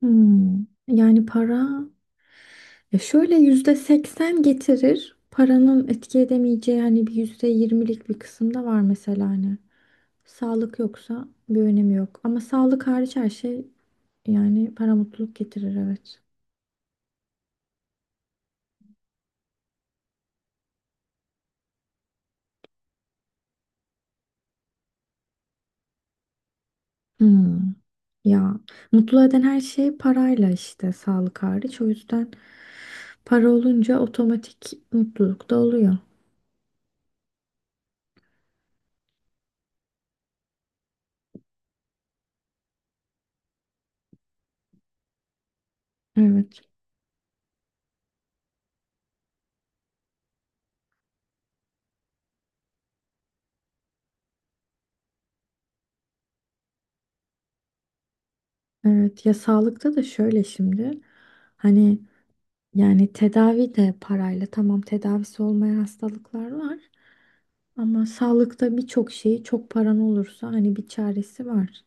Yani para ya şöyle %80 getirir. Paranın etki edemeyeceği hani bir %20'lik bir kısım da var mesela hani. Sağlık yoksa bir önemi yok. Ama sağlık hariç her şey yani para mutluluk getirir, evet. Hmm, ya mutlu eden her şey parayla, işte sağlık hariç. O yüzden para olunca otomatik mutluluk da oluyor. Evet. Evet, ya sağlıkta da şöyle şimdi. Hani yani tedavi de parayla. Tamam, tedavisi olmayan hastalıklar var. Ama sağlıkta birçok şeyi çok paran olursa hani bir çaresi var.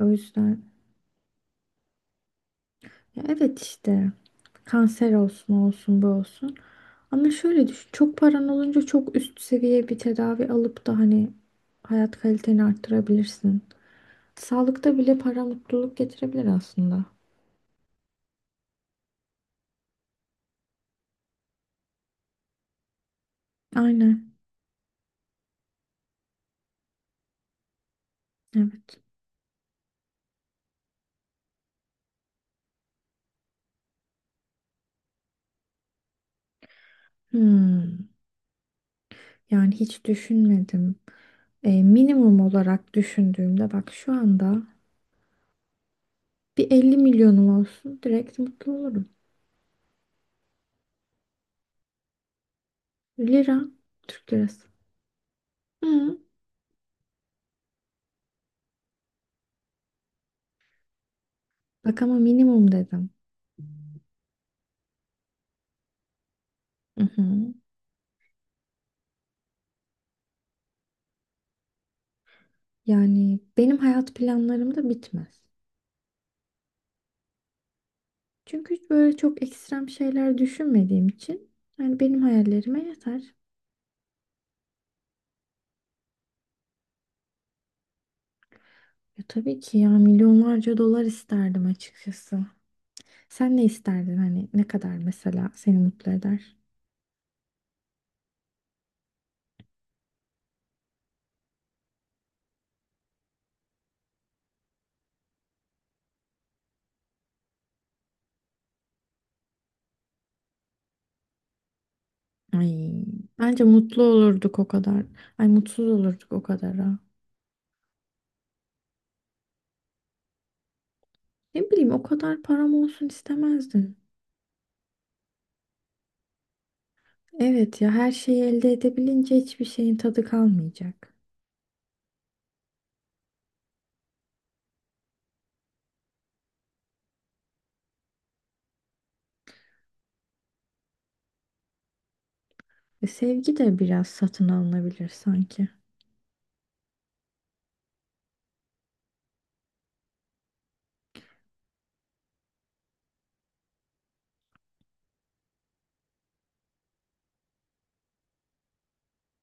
O yüzden ya evet, işte kanser olsun, o olsun, bu olsun. Ama şöyle düşün, çok paran olunca çok üst seviye bir tedavi alıp da hani hayat kaliteni arttırabilirsin. Sağlıkta bile para mutluluk getirebilir aslında. Aynen evet. Hmm. Yani hiç düşünmedim. Minimum olarak düşündüğümde bak, şu anda bir 50 milyonum olsun direkt mutlu olurum. Lira, Türk lirası. Hı. Bak ama minimum dedim. Hı hı. Yani benim hayat planlarım da bitmez. Çünkü hiç böyle çok ekstrem şeyler düşünmediğim için yani benim hayallerime yeter. Ya tabii ki, ya milyonlarca dolar isterdim açıkçası. Sen ne isterdin, hani ne kadar mesela seni mutlu eder? Ay, bence mutlu olurduk o kadar. Ay, mutsuz olurduk o kadar ha. Ne bileyim, o kadar param olsun istemezdim. Evet ya, her şeyi elde edebilince hiçbir şeyin tadı kalmayacak. Ve sevgi de biraz satın alınabilir sanki.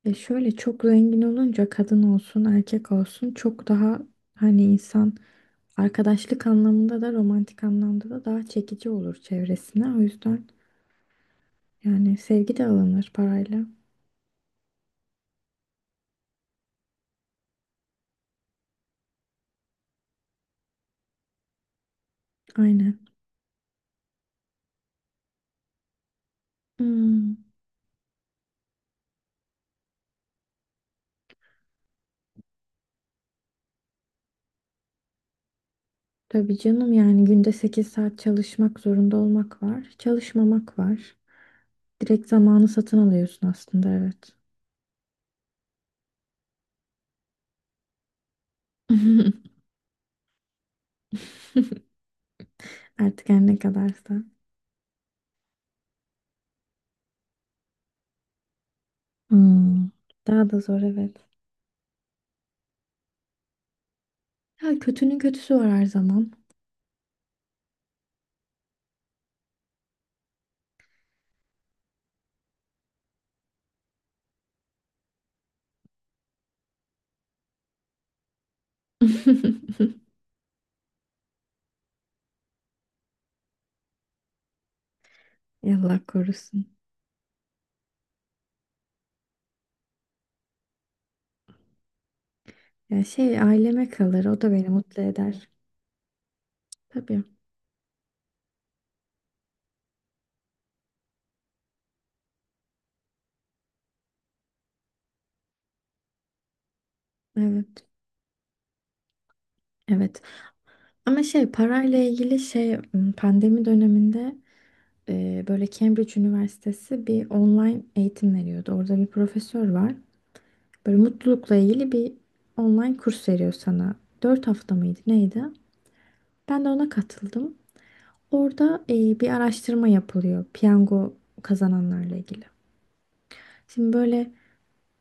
E şöyle, çok zengin olunca kadın olsun erkek olsun çok daha hani insan arkadaşlık anlamında da romantik anlamda da daha çekici olur çevresine. O yüzden yani sevgi de alınır parayla. Aynen. Hmm. Tabii canım, yani günde 8 saat çalışmak zorunda olmak var. Çalışmamak var. Direkt zamanı satın alıyorsun aslında, evet. Artık her ne kadarsa. Hmm, Daha da zor, evet. Ya kötünün kötüsü var her zaman. Allah korusun. Ya şey, aileme kalır, o da beni mutlu eder. Tabii. Evet. Evet. Ama şey, parayla ilgili şey, pandemi döneminde böyle Cambridge Üniversitesi bir online eğitim veriyordu. Orada bir profesör var. Böyle mutlulukla ilgili bir online kurs veriyor sana. 4 hafta mıydı neydi? Ben de ona katıldım. Orada bir araştırma yapılıyor piyango kazananlarla ilgili. Şimdi böyle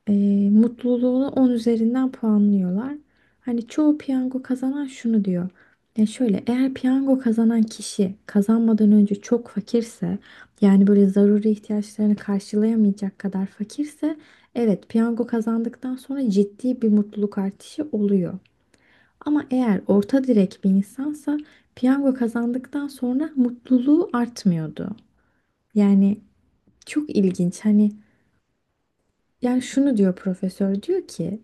e, mutluluğunu 10 üzerinden puanlıyorlar. Hani çoğu piyango kazanan şunu diyor. Ya şöyle, eğer piyango kazanan kişi kazanmadan önce çok fakirse, yani böyle zaruri ihtiyaçlarını karşılayamayacak kadar fakirse, evet, piyango kazandıktan sonra ciddi bir mutluluk artışı oluyor. Ama eğer orta direk bir insansa piyango kazandıktan sonra mutluluğu artmıyordu. Yani çok ilginç hani, yani şunu diyor profesör, diyor ki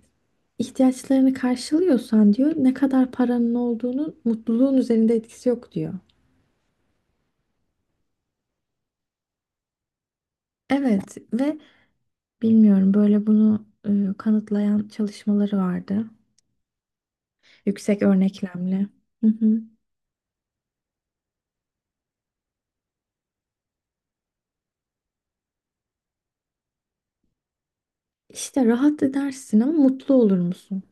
ihtiyaçlarını karşılıyorsan diyor, ne kadar paranın olduğunun mutluluğun üzerinde etkisi yok diyor. Evet. Ve bilmiyorum, böyle bunu kanıtlayan çalışmaları vardı. Yüksek örneklemli. Hı hı. İşte rahat edersin ama mutlu olur musun?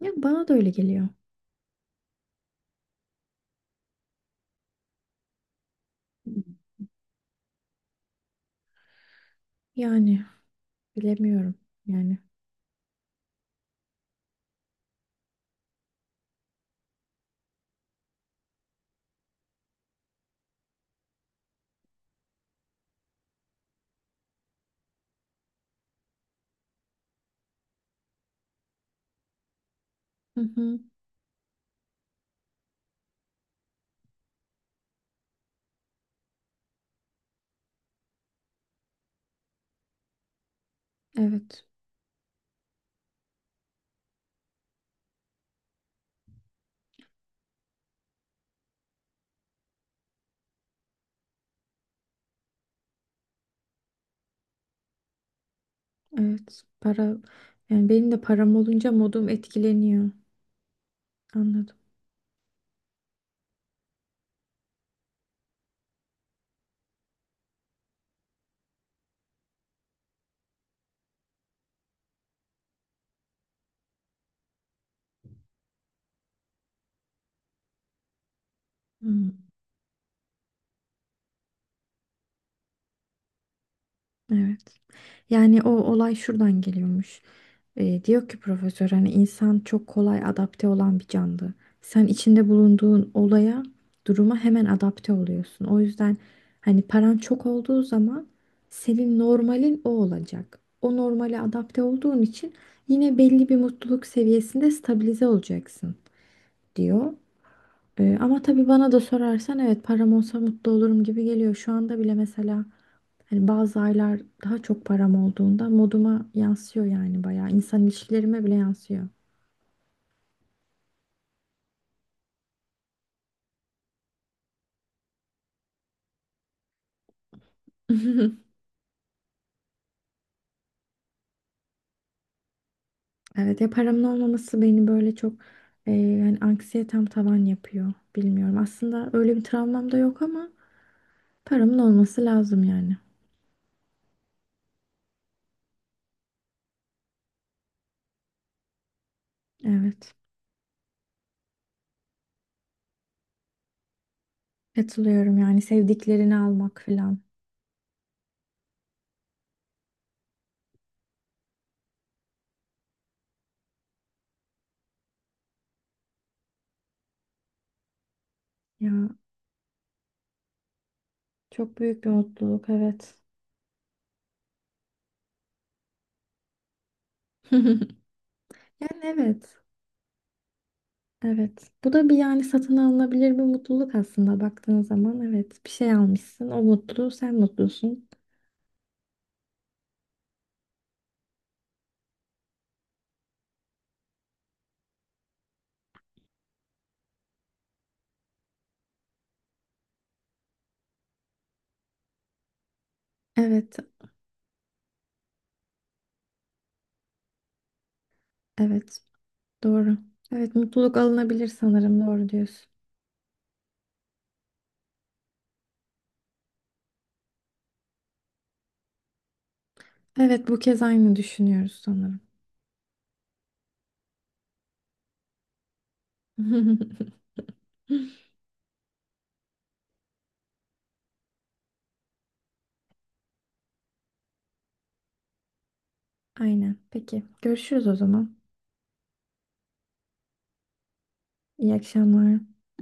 Ya, bana da öyle geliyor. Yani bilemiyorum yani. Hı hı. Evet. Evet. Para, yani benim de param olunca modum etkileniyor. Anladım. Hmm. Evet. Yani o olay şuradan geliyormuş. Diyor ki profesör, hani insan çok kolay adapte olan bir canlı. Sen içinde bulunduğun olaya, duruma hemen adapte oluyorsun. O yüzden hani paran çok olduğu zaman senin normalin o olacak. O normale adapte olduğun için yine belli bir mutluluk seviyesinde stabilize olacaksın diyor. Ama tabii, bana da sorarsan evet, param olsa mutlu olurum gibi geliyor. Şu anda bile mesela hani bazı aylar daha çok param olduğunda moduma yansıyor yani, bayağı. İnsan ilişkilerime bile yansıyor. Evet ya, paramın olmaması beni böyle çok yani anksiyetem tavan yapıyor. Bilmiyorum. Aslında öyle bir travmam da yok ama paramın olması lazım yani. Evet. Katılıyorum, yani sevdiklerini almak falan. Ya, çok büyük bir mutluluk evet. Yani evet. Evet. Bu da bir, yani satın alınabilir bir mutluluk aslında baktığın zaman. Evet. Bir şey almışsın. O mutlu. Sen mutlusun. Evet. Evet. Doğru. Evet. Mutluluk alınabilir sanırım. Doğru diyorsun. Evet. Bu kez aynı düşünüyoruz sanırım. Aynen. Peki. Görüşürüz o zaman. İyi akşamlar.